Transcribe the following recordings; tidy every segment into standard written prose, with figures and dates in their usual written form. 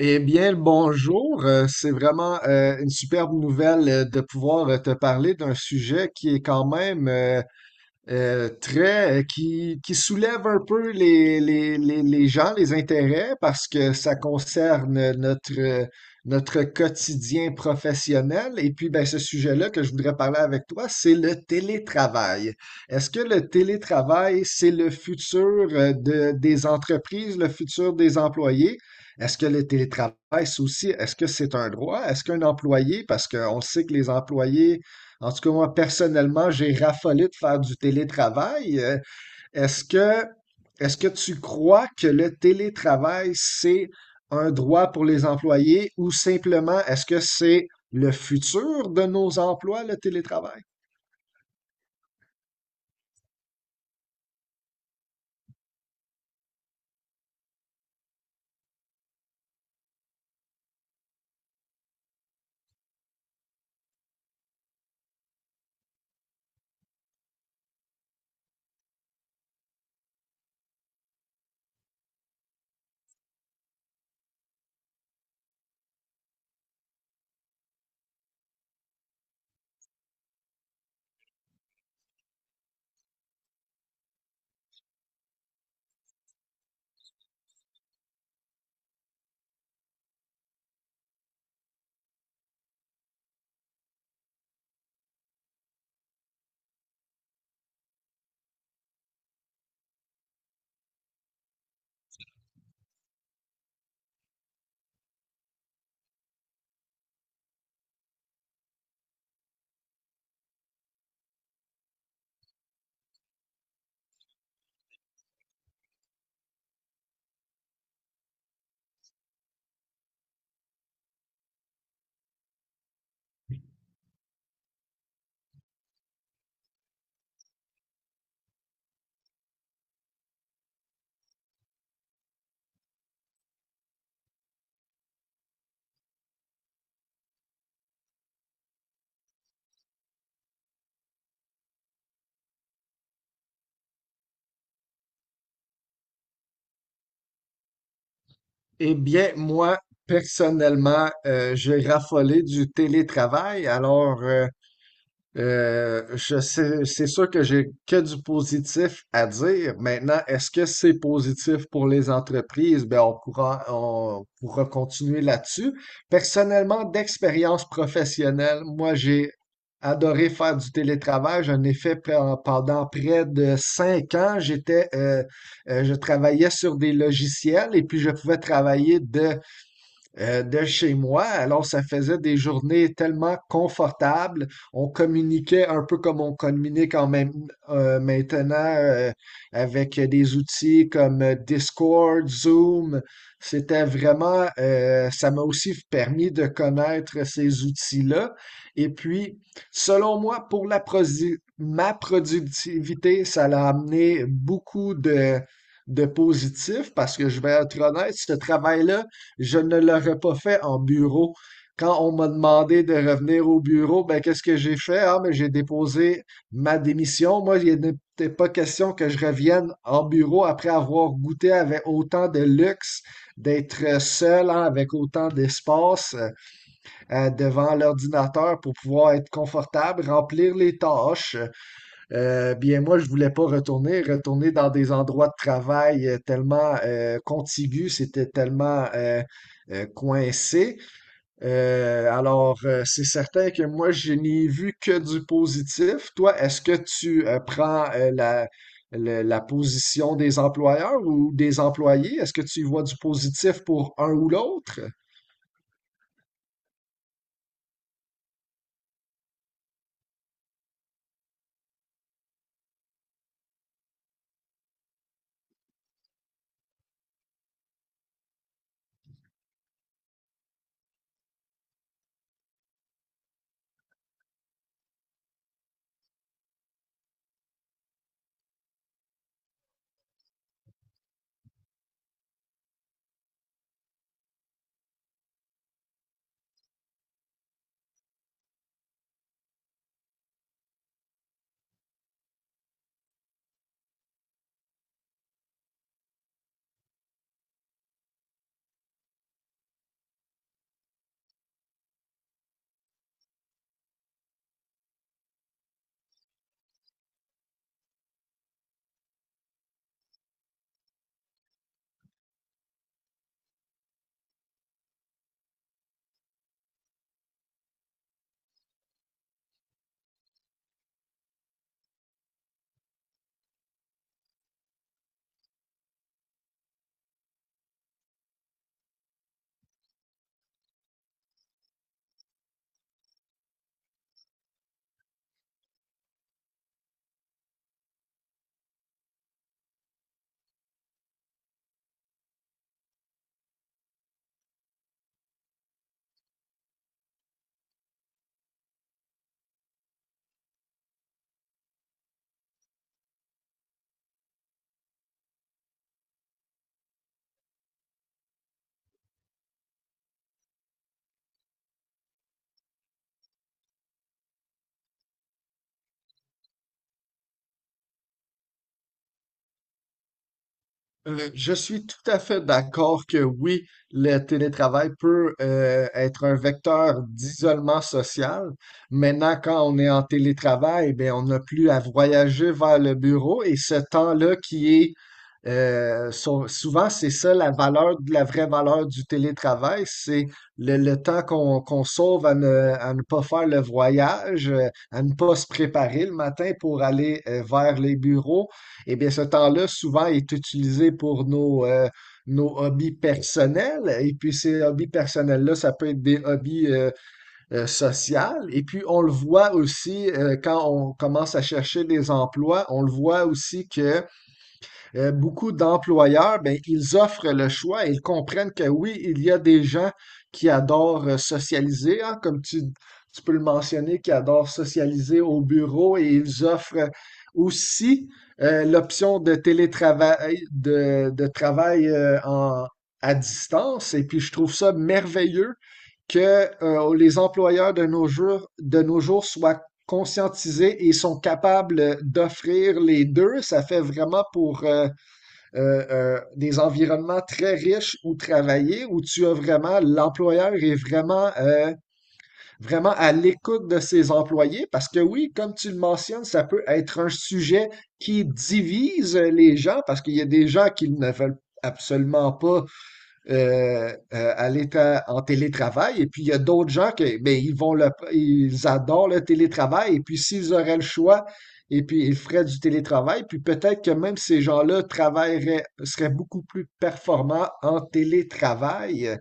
Eh bien, le bonjour. C'est vraiment une superbe nouvelle de pouvoir te parler d'un sujet qui est quand même très qui soulève un peu les gens, les intérêts, parce que ça concerne notre quotidien professionnel. Et puis, ben, ce sujet-là que je voudrais parler avec toi, c'est le télétravail. Est-ce que le télétravail, c'est le futur des entreprises, le futur des employés? Est-ce que le télétravail, c'est aussi, est-ce que c'est un droit? Est-ce qu'un employé, parce qu'on sait que les employés en tout cas, moi, personnellement, j'ai raffolé de faire du télétravail. Est-ce que, Est-ce que tu crois que le télétravail, c'est un droit pour les employés ou simplement est-ce que c'est le futur de nos emplois, le télétravail? Eh bien, moi, personnellement, j'ai raffolé du télétravail. Je sais, c'est sûr que j'ai que du positif à dire. Maintenant, est-ce que c'est positif pour les entreprises? Ben, on pourra continuer là-dessus. Personnellement, d'expérience professionnelle, moi, j'ai adoré faire du télétravail. J'en ai fait pe- pendant près de cinq ans. Je travaillais sur des logiciels et puis je pouvais travailler de chez moi. Alors, ça faisait des journées tellement confortables. On communiquait un peu comme on communique maintenant avec des outils comme Discord, Zoom. C'était vraiment, ça m'a aussi permis de connaître ces outils-là. Et puis, selon moi, pour ma productivité, ça l'a amené beaucoup de positif parce que je vais être honnête, ce travail-là, je ne l'aurais pas fait en bureau. Quand on m'a demandé de revenir au bureau, ben qu'est-ce que j'ai fait? Ah, mais j'ai déposé ma démission. Moi, il n'était pas question que je revienne en bureau après avoir goûté avec autant de luxe, d'être seul, hein, avec autant d'espace devant l'ordinateur pour pouvoir être confortable, remplir les tâches. Bien, moi, je voulais pas retourner. Retourner dans des endroits de travail tellement contigus, c'était tellement coincé. C'est certain que moi, je n'ai vu que du positif. Toi, est-ce que tu prends la, le- la position des employeurs ou des employés? Est-ce que tu y vois du positif pour un ou l'autre? Je suis tout à fait d'accord que oui, le télétravail peut être un vecteur d'isolement social. Maintenant, quand on est en télétravail, ben, on n'a plus à voyager vers le bureau et ce temps-là qui est souvent, c'est ça la valeur, la vraie valeur du télétravail, c'est le temps qu'on sauve à ne pas faire le voyage, à ne pas se préparer le matin pour aller vers les bureaux. Eh bien, ce temps-là, souvent, est utilisé pour nos hobbies personnels. Et puis, ces hobbies personnels-là, ça peut être des hobbies sociaux. Et puis, on le voit aussi quand on commence à chercher des emplois, on le voit aussi que beaucoup d'employeurs, ben, ils offrent le choix et ils comprennent que oui, il y a des gens qui adorent socialiser, hein, tu peux le mentionner, qui adorent socialiser au bureau et ils offrent aussi l'option de télétravail, de travail à distance. Et puis, je trouve ça merveilleux que les employeurs de nos jours soient conscientisés et sont capables d'offrir les deux. Ça fait vraiment pour des environnements très riches où travailler, où tu as vraiment, l'employeur est vraiment, vraiment à l'écoute de ses employés parce que oui, comme tu le mentionnes, ça peut être un sujet qui divise les gens parce qu'il y a des gens qui ne veulent absolument pas en télétravail. Et puis, il y a d'autres gens qui, ben, ils adorent le télétravail. Et puis, s'ils auraient le choix, et puis, ils feraient du télétravail. Puis, peut-être que même ces gens-là travailleraient, seraient beaucoup plus performants en télétravail.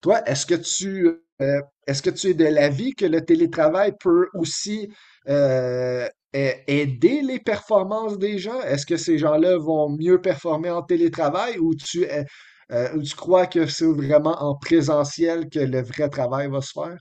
Toi, euh, est-ce que tu es de l'avis que le télétravail peut aussi euh, a- aider les performances des gens? Est-ce que ces gens-là vont mieux performer en télétravail ou tu crois que c'est vraiment en présentiel que le vrai travail va se faire?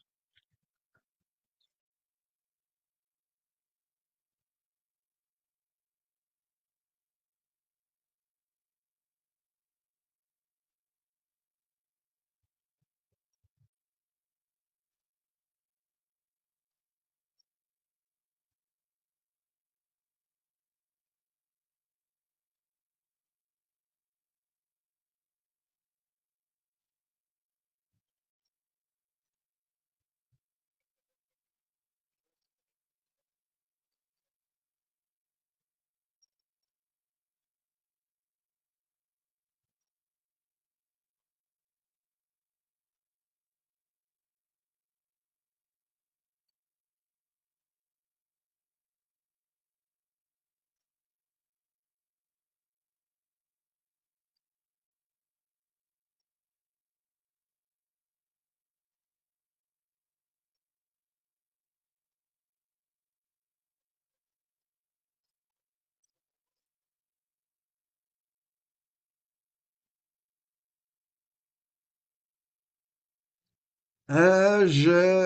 Euh, je,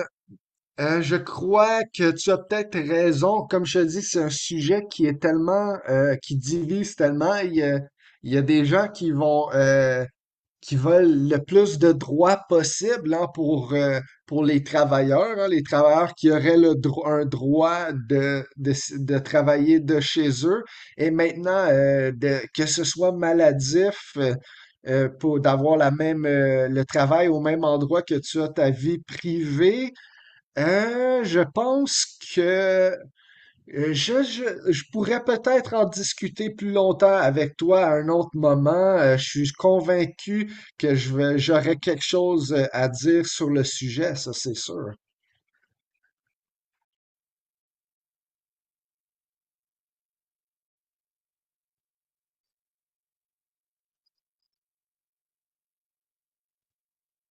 je crois que tu as peut-être raison. Comme je te dis, c'est un sujet qui est tellement, qui divise tellement. Il y a des gens qui vont, qui veulent le plus de droits possible hein, pour les travailleurs, hein, les travailleurs qui auraient un droit de travailler de chez eux. Et maintenant, que ce soit maladif, pour d'avoir la même le travail au même endroit que tu as ta vie privée, je pense que je pourrais peut-être en discuter plus longtemps avec toi à un autre moment. Je suis convaincu que j'aurai quelque chose à dire sur le sujet, ça c'est sûr.